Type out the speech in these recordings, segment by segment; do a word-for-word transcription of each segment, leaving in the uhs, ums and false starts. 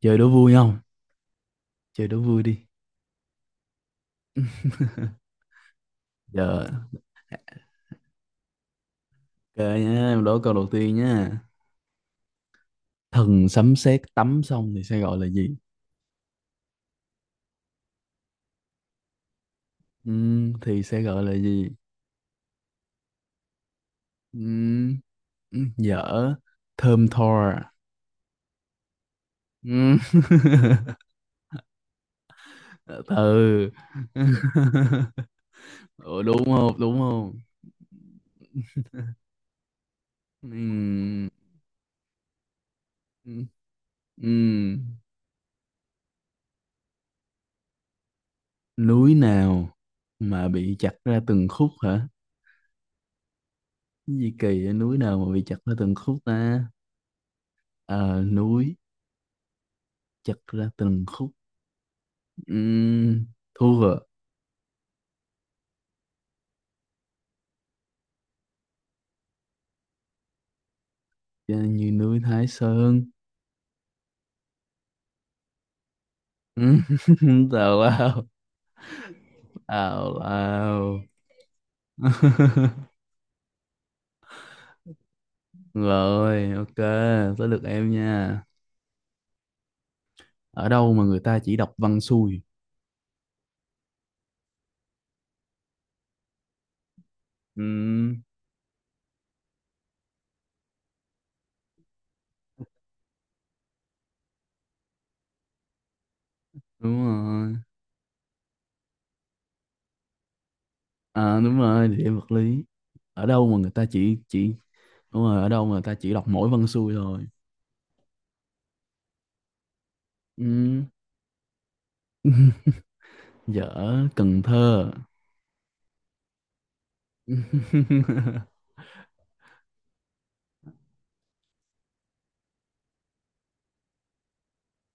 Chơi đố vui không? Chơi đố vui đi. Giờ, ok nhá, em đố câu đầu tiên nhá. Thần sấm sét tắm xong thì sẽ gọi là gì? Ừm, thì sẽ gọi là gì? Ừm, ừm, dở, thơm tho. Ừm. Ừ. Ủa, đúng không? Đúng không? Ừm, ừm, ừm. Núi nào mà bị chặt ra từng khúc hả? Cái gì kỳ vậy? Núi nào mà bị chặt ra từng khúc ta? Ờ, núi chặt ra từng khúc. Ừm, thu vợ như núi Thái Sơn. Ừm, tào lao, tào lao. Rồi ok, tới lượt em nha. Ở đâu mà người ta chỉ đọc văn xuôi? Ừm, đúng rồi. À đúng rồi, địa em vật lý. Ở đâu mà người ta chỉ chỉ, đúng rồi, ở đâu mà người ta chỉ đọc mỗi văn xuôi thôi? Ừm, dở, Cần Thơ.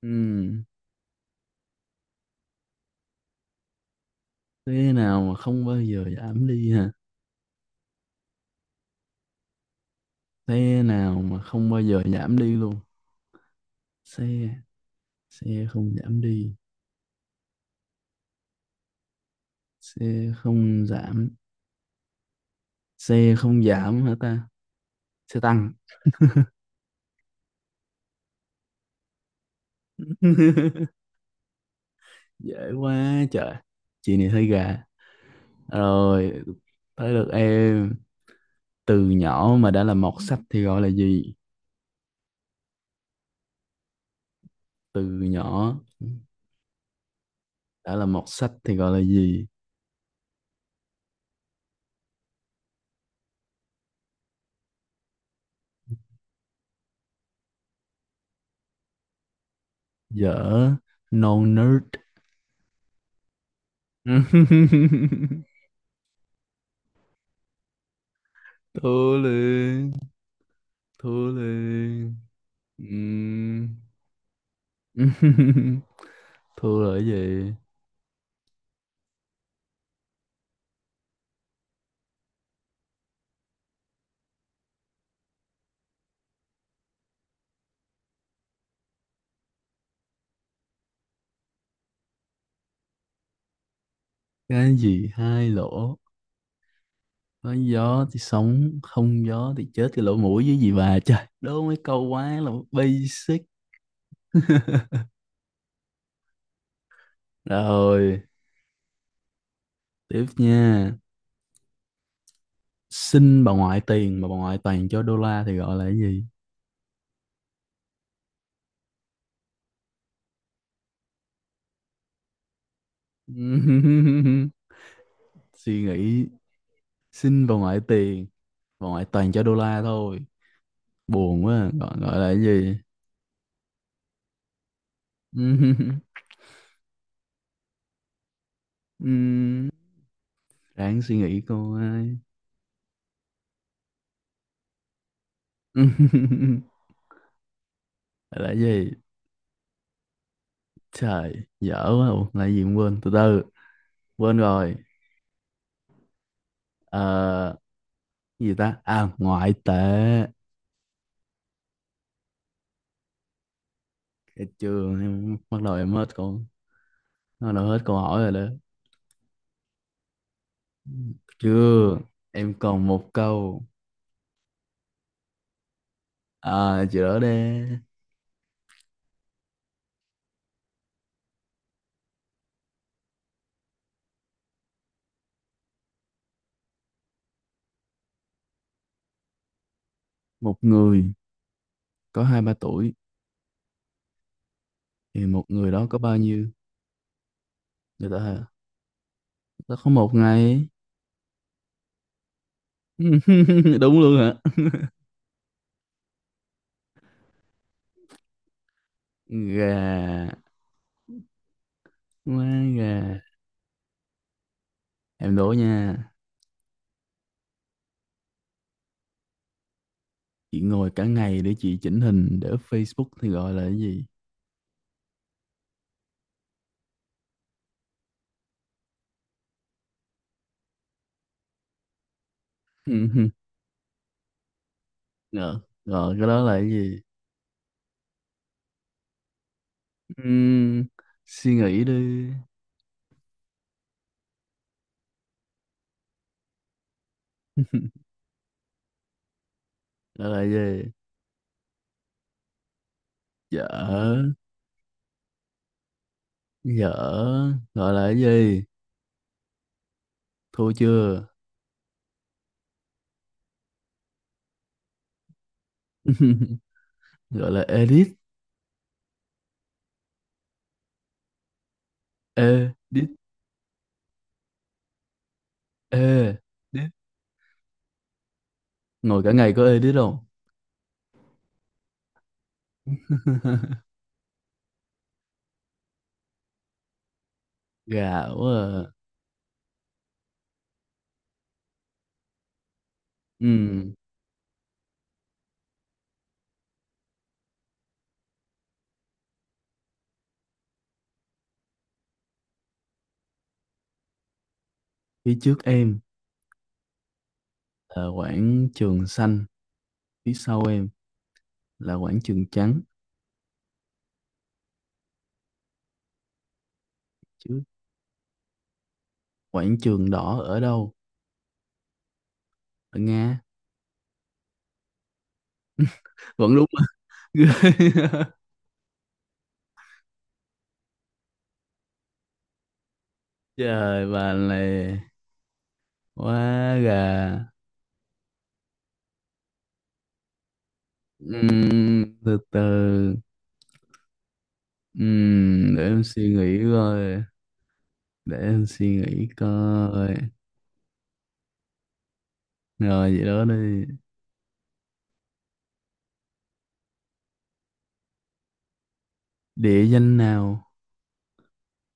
Ừm, thế nào mà không bao giờ giảm đi hả? Thế nào mà không bao giờ giảm đi luôn? Xe, xe không giảm đi, xe không giảm, xe không giảm hả ta? Xe tăng. dễ quá trời, chị này hơi gà. Rồi, tới lượt em. Từ nhỏ mà đã là mọt sách thì gọi là gì? Từ nhỏ đã là mọt sách thì gọi là gì? Dở, no nerd. thua liền, thua liền. Ừm. thua là cái gì? Cái gì hai lỗ, có gió thì sống không gió thì chết? Cái lỗ mũi, với gì bà trời đố mấy câu quá là basic. rồi, tiếp nha. Xin bà ngoại tiền mà bà ngoại toàn cho đô la thì gọi là cái gì? suy nghĩ. Xin bà ngoại tiền, bà ngoại toàn cho đô la thôi, buồn quá, gọi gọi là cái gì? Ừm, ráng suy nghĩ coi. là cái gì? Trời dở quá. Ủa, là cái gì cũng quên, từ từ, quên rồi. Ờ, cái gì ta? À, ngoại tệ. Thấy chưa, em bắt đầu em hết câu, bắt đầu hết câu hỏi rồi đó. Chưa, em còn một câu. À chị đỡ đe, một người có hai ba tuổi thì một người đó có bao nhiêu? Người ta hả? Người ta có một ngày. đúng luôn hả? Gà quá gà. Em đố nha, chị ngồi cả ngày để chị chỉnh hình để up Facebook thì gọi là cái gì? Ngờ, gọi cái đó là cái gì? Ừm, Suy nghĩ đi. gọi là cái gì? Dở, dở, gọi là cái gì, thua chưa? gọi là edit. Edit, edit, ngồi cả ngày có edit không? Gạo à. Ừm, phía trước em là quảng trường xanh, phía sau em là quảng trường trắng chứ, quảng trường đỏ ở đâu? Ở Nga, vẫn đúng. trời bà này, quá gà. Ừm, từ từ, Ừm, để em suy nghĩ coi, để em suy nghĩ coi. Rồi vậy đó đi. Địa danh nào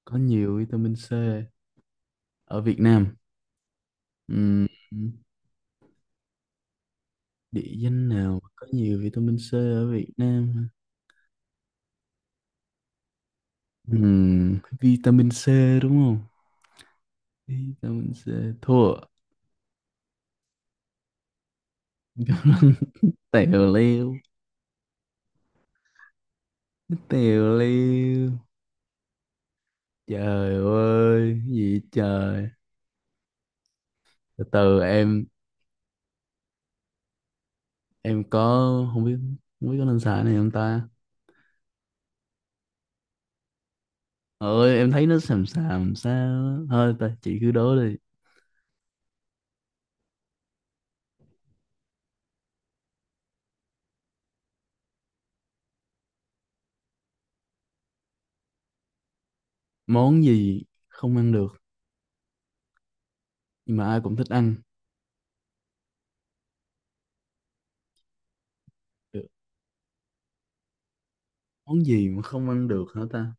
có nhiều vitamin C ở Việt Nam? Ừm, Địa danh nào có nhiều vitamin C ở Việt Nam? Ừm, vitamin C đúng không? Vitamin C, thua. tèo leo. Nó tiều liêu. Trời ơi cái gì trời. Từ từ, em em có, không biết, không biết có nên xài này không ta. Ơi em thấy nó xàm xàm sao á. Thôi ta, chị cứ đố đi. Món gì không ăn được nhưng mà ai cũng thích ăn? Được, món gì mà không ăn được hả ta,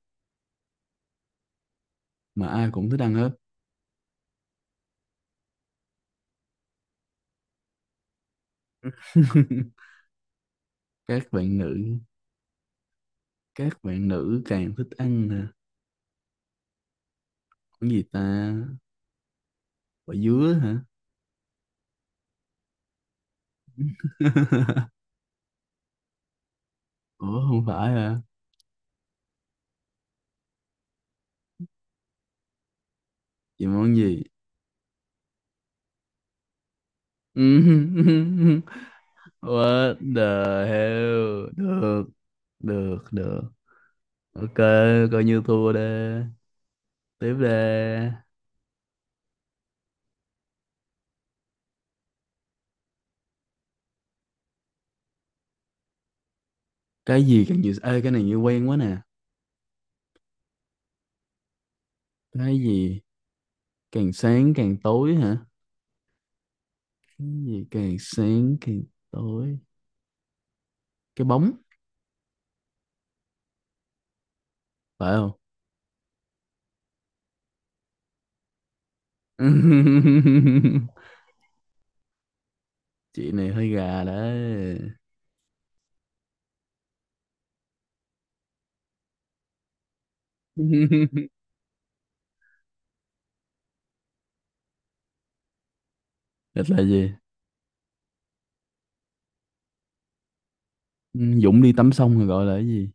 mà ai cũng thích ăn hết? các bạn nữ, các bạn nữ càng thích ăn nè. Món gì ta? Quả dứa hả? Ủa không phải hả? Chị, món gì? Ừm, what the hell? Được, được, được. Ok, coi như thua đi. Tiếp đi. Cái gì càng nhiều... Ê, cái này như quen quá nè. Cái gì càng sáng càng tối hả? Cái gì càng sáng càng tối? Cái bóng, phải không? Chị này hơi gà đấy. Thật là gì? Ừ, Dũng đi tắm xong rồi gọi là cái gì?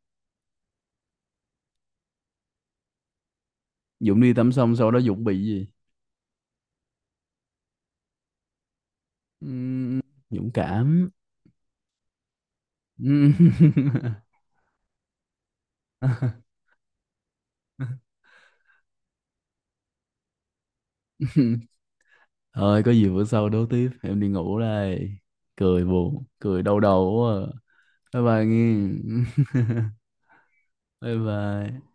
Dũng đi tắm xong sau đó Dũng bị gì? Ừm, dũng cảm. Ừm. thôi có gì bữa sau đấu tiếp, em đi ngủ đây. Cười buồn cười đau đầu quá. À, bye bye nghe. bye bye.